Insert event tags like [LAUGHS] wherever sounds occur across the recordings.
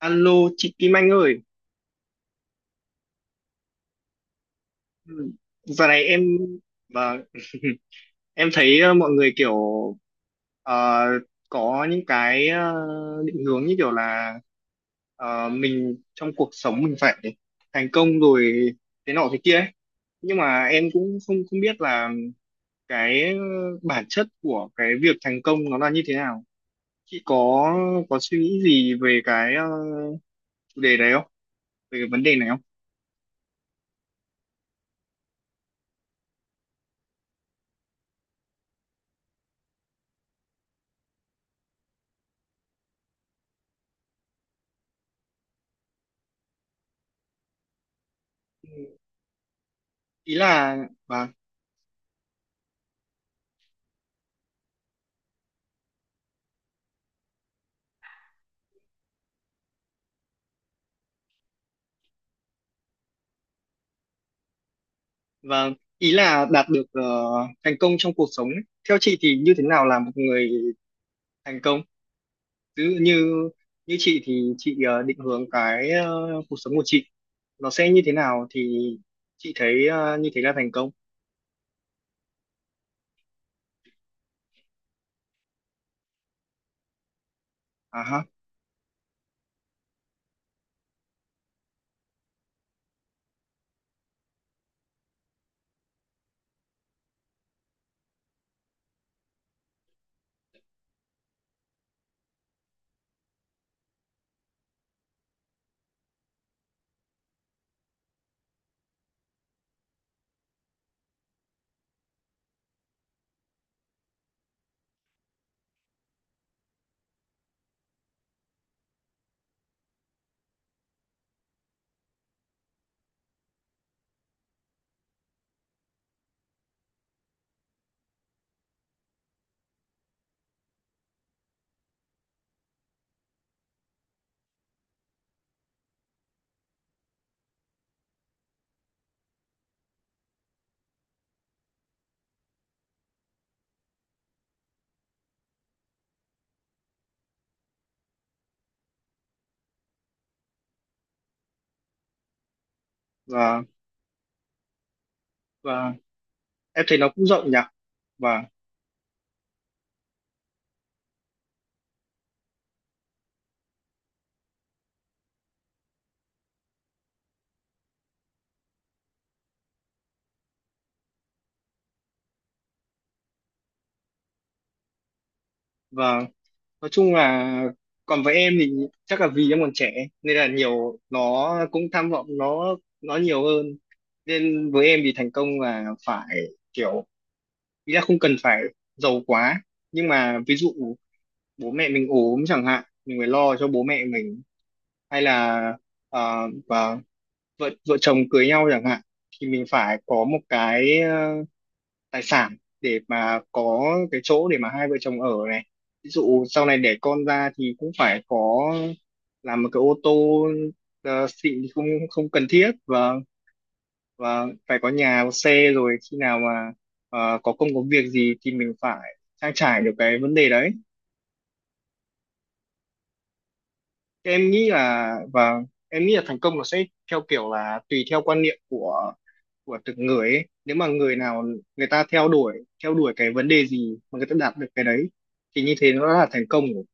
Alo, chị Kim Anh ơi. Ừ, giờ này em và [LAUGHS] em thấy mọi người kiểu ờ, có những cái định hướng như kiểu là mình trong cuộc sống mình phải thành công rồi thế nọ thế kia ấy. Nhưng mà em cũng không không biết là cái bản chất của cái việc thành công nó là như thế nào. Chị có suy nghĩ gì về cái chủ đề này không? Về cái vấn đề này không? Ý là vâng, ý là đạt được thành công trong cuộc sống ấy. Theo chị thì như thế nào là một người thành công? Ví dụ như như chị thì chị định hướng cái cuộc sống của chị nó sẽ như thế nào thì chị thấy như thế là thành công. À ha, và và em thấy nó cũng rộng nhỉ. Và và nói chung là còn với em thì chắc là vì em còn trẻ nên là nhiều nó cũng tham vọng nó nhiều hơn. Nên với em thì thành công là phải kiểu, ý là không cần phải giàu quá, nhưng mà ví dụ bố mẹ mình ốm chẳng hạn mình phải lo cho bố mẹ mình, hay là uh, vợ vợ chồng cưới nhau chẳng hạn thì mình phải có một cái tài sản để mà có cái chỗ để mà hai vợ chồng ở này, ví dụ sau này đẻ con ra thì cũng phải có làm một cái ô tô xịn thì không không cần thiết. Và phải có nhà có xe, rồi khi nào mà có công có việc gì thì mình phải trang trải được cái vấn đề đấy. Thế em nghĩ là, thành công nó sẽ theo kiểu là tùy theo quan niệm của từng người ấy. Nếu mà người nào người ta theo đuổi cái vấn đề gì mà người ta đạt được cái đấy thì như thế nó là thành công rồi.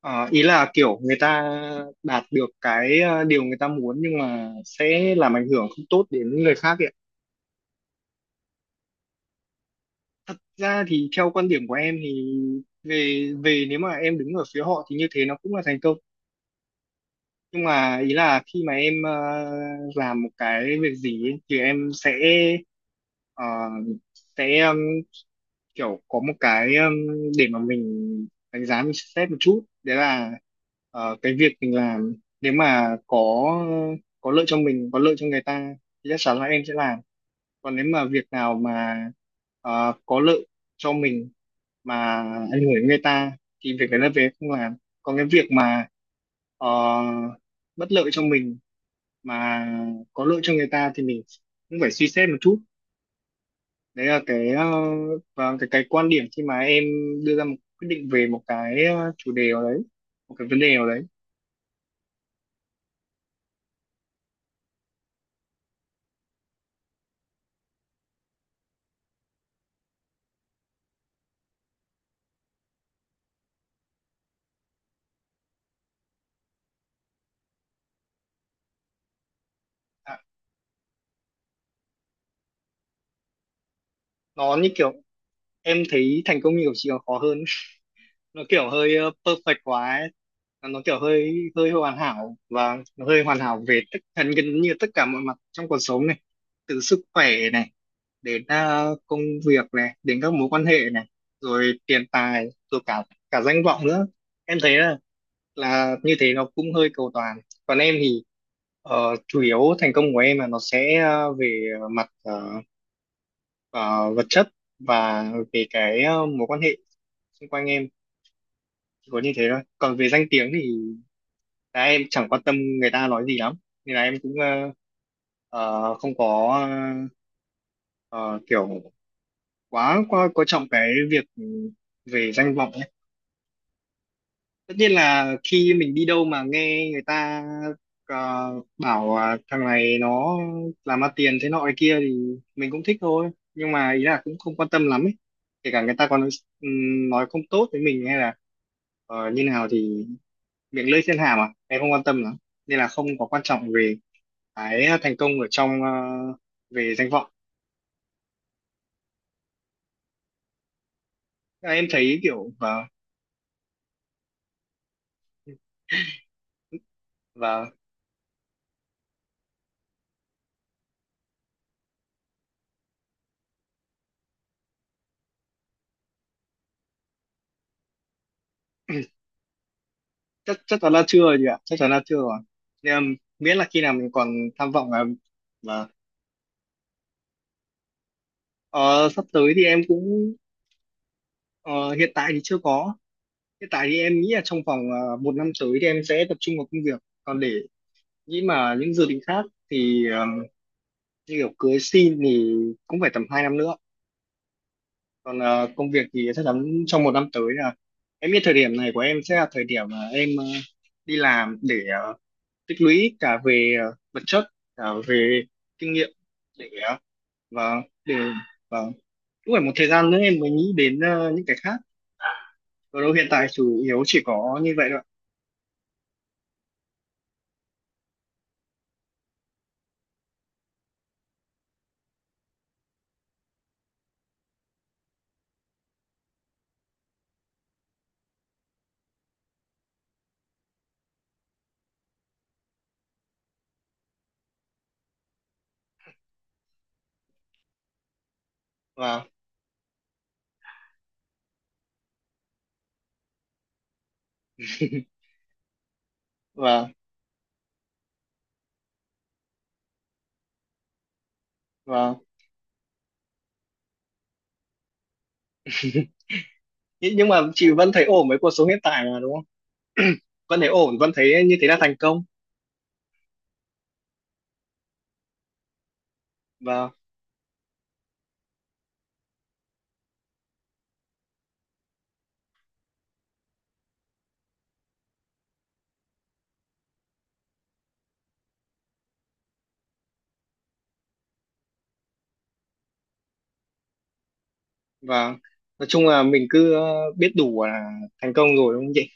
Ờ, ý là kiểu người ta đạt được cái điều người ta muốn, nhưng mà sẽ làm ảnh hưởng không tốt đến người khác ấy ạ. Thật ra thì theo quan điểm của em thì về về nếu mà em đứng ở phía họ thì như thế nó cũng là thành công, nhưng mà ý là khi mà em làm một cái việc gì ấy, thì em sẽ ờ, sẽ um, kiểu có một cái, để mà mình đánh giá mình xét một chút. Đấy là cái việc mình làm, nếu mà có lợi cho mình có lợi cho người ta thì chắc chắn là em sẽ làm. Còn nếu mà việc nào mà có lợi cho mình mà ảnh hưởng đến người ta thì việc đấy là về không làm. Còn cái việc mà ờ, bất lợi cho mình mà có lợi cho người ta thì mình cũng phải suy xét một chút. Đấy là cái ờ, và cái quan điểm khi mà em đưa ra một quyết định về một cái chủ đề nào đấy, một cái vấn đề nào đấy. À, nó như kiểu em thấy thành công như của chị còn khó hơn, [LAUGHS] nó kiểu hơi perfect quá ấy. Nó kiểu hơi hơi hoàn hảo, và nó hơi hoàn hảo về tất gần gần như tất cả mọi mặt trong cuộc sống này, từ sức khỏe này đến công việc này đến các mối quan hệ này, rồi tiền tài rồi cả cả danh vọng nữa. Em thấy là như thế nó cũng hơi cầu toàn. Còn em thì chủ yếu thành công của em là nó sẽ về mặt ờ, vật chất và về cái mối quan hệ xung quanh em, chỉ có như thế thôi. Còn về danh tiếng thì là em chẳng quan tâm người ta nói gì lắm, nên là em cũng không có ờ, kiểu quá quá coi trọng cái việc về danh vọng. Tất nhiên là khi mình đi đâu mà nghe người ta ờ, bảo à, thằng này nó làm ra tiền thế nọ cái kia thì mình cũng thích thôi, nhưng mà ý là cũng không quan tâm lắm ấy. Kể cả người ta còn nói không tốt với mình hay là như nào thì miệng lưỡi trên hàm à, em không quan tâm lắm, nên là không có quan trọng về cái thành công ở trong, về danh vọng. Em thấy kiểu, và chắc chắc chắn là chưa rồi chị ạ, chắc chắn là chưa rồi. Nhưng mà miễn là khi nào mình còn tham vọng là ờ, sắp tới thì em cũng ờ, hiện tại thì chưa có. Hiện tại thì em nghĩ là trong vòng một năm tới thì em sẽ tập trung vào công việc. Còn để nghĩ mà những dự định khác thì như kiểu cưới xin thì cũng phải tầm 2 năm nữa. Còn công việc thì chắc chắn trong một năm tới là em biết thời điểm này của em sẽ là thời điểm mà em đi làm để ờ, tích lũy cả về vật chất cả về kinh nghiệm để vâng, để vâng, cũng phải một thời gian nữa em mới nghĩ đến những cái khác. Còn đâu hiện tại chủ yếu chỉ có như vậy thôi ạ. Vâng. [LAUGHS] Vâng. Vâng. Nhưng mà chị vẫn thấy ổn với cuộc sống hiện tại mà đúng không? [CLEARS THROAT] Vẫn thấy ổn, vẫn thấy như thế là thành công. Vâng. Vâng, nói chung là mình cứ biết đủ là thành công rồi đúng không chị?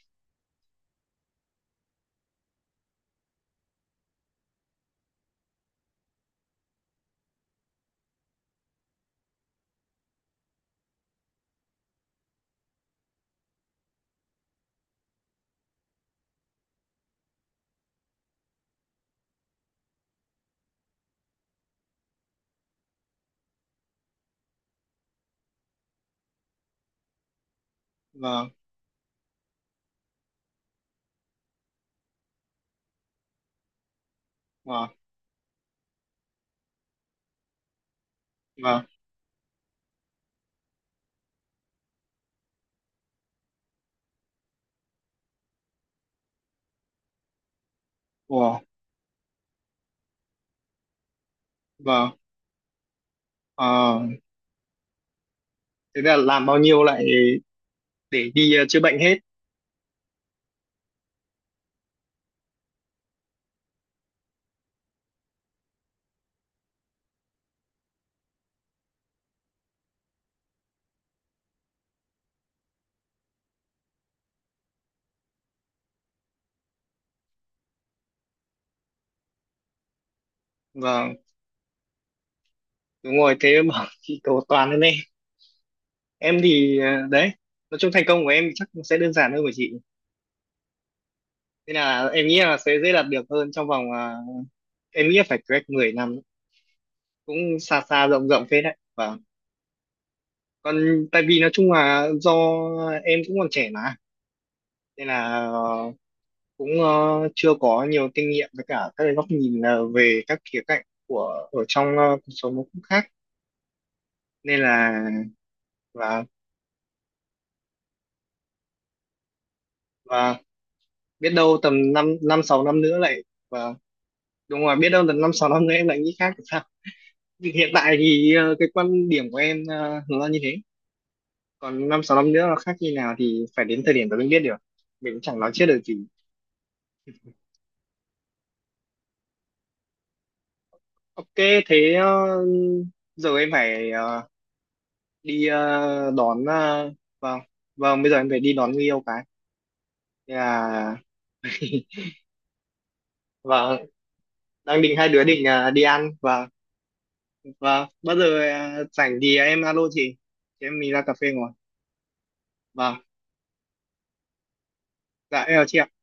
Vâng. Vâng. Vâng. Vâng. Vâng. Ờ, thế là làm bao nhiêu lại để đi chữa bệnh hết. Vâng, đúng rồi thế mà [LAUGHS] chị cầu toàn lên. Em thì à, đấy, nói chung thành công của em chắc sẽ đơn giản hơn của chị, nên là em nghĩ là sẽ dễ đạt được hơn, trong vòng à, em nghĩ là phải cách 10 năm, cũng xa xa rộng rộng phết đấy. Và còn tại vì nói chung là do em cũng còn trẻ mà, nên là cũng chưa có nhiều kinh nghiệm, với cả các cái góc nhìn về các khía cạnh của ở trong cuộc sống nó cũng khác. Nên là và và biết đâu tầm năm năm sáu năm nữa lại, và đúng rồi biết đâu tầm năm sáu năm nữa em lại nghĩ khác. Thì hiện tại thì cái quan điểm của em nó là như thế, còn năm sáu năm nữa nó khác như nào thì phải đến thời điểm đó mới biết được, mình cũng chẳng nói trước được gì. Ok, thế giờ em phải đi đón vâng. Vâng, bây giờ em phải đi đón người yêu cái. Thế là vâng, đang định, hai đứa định đi ăn. Vâng. Vâng, bao giờ rảnh thì em alo chị em mình ra cà phê ngồi. Vâng. Dạ em chào chị ạ.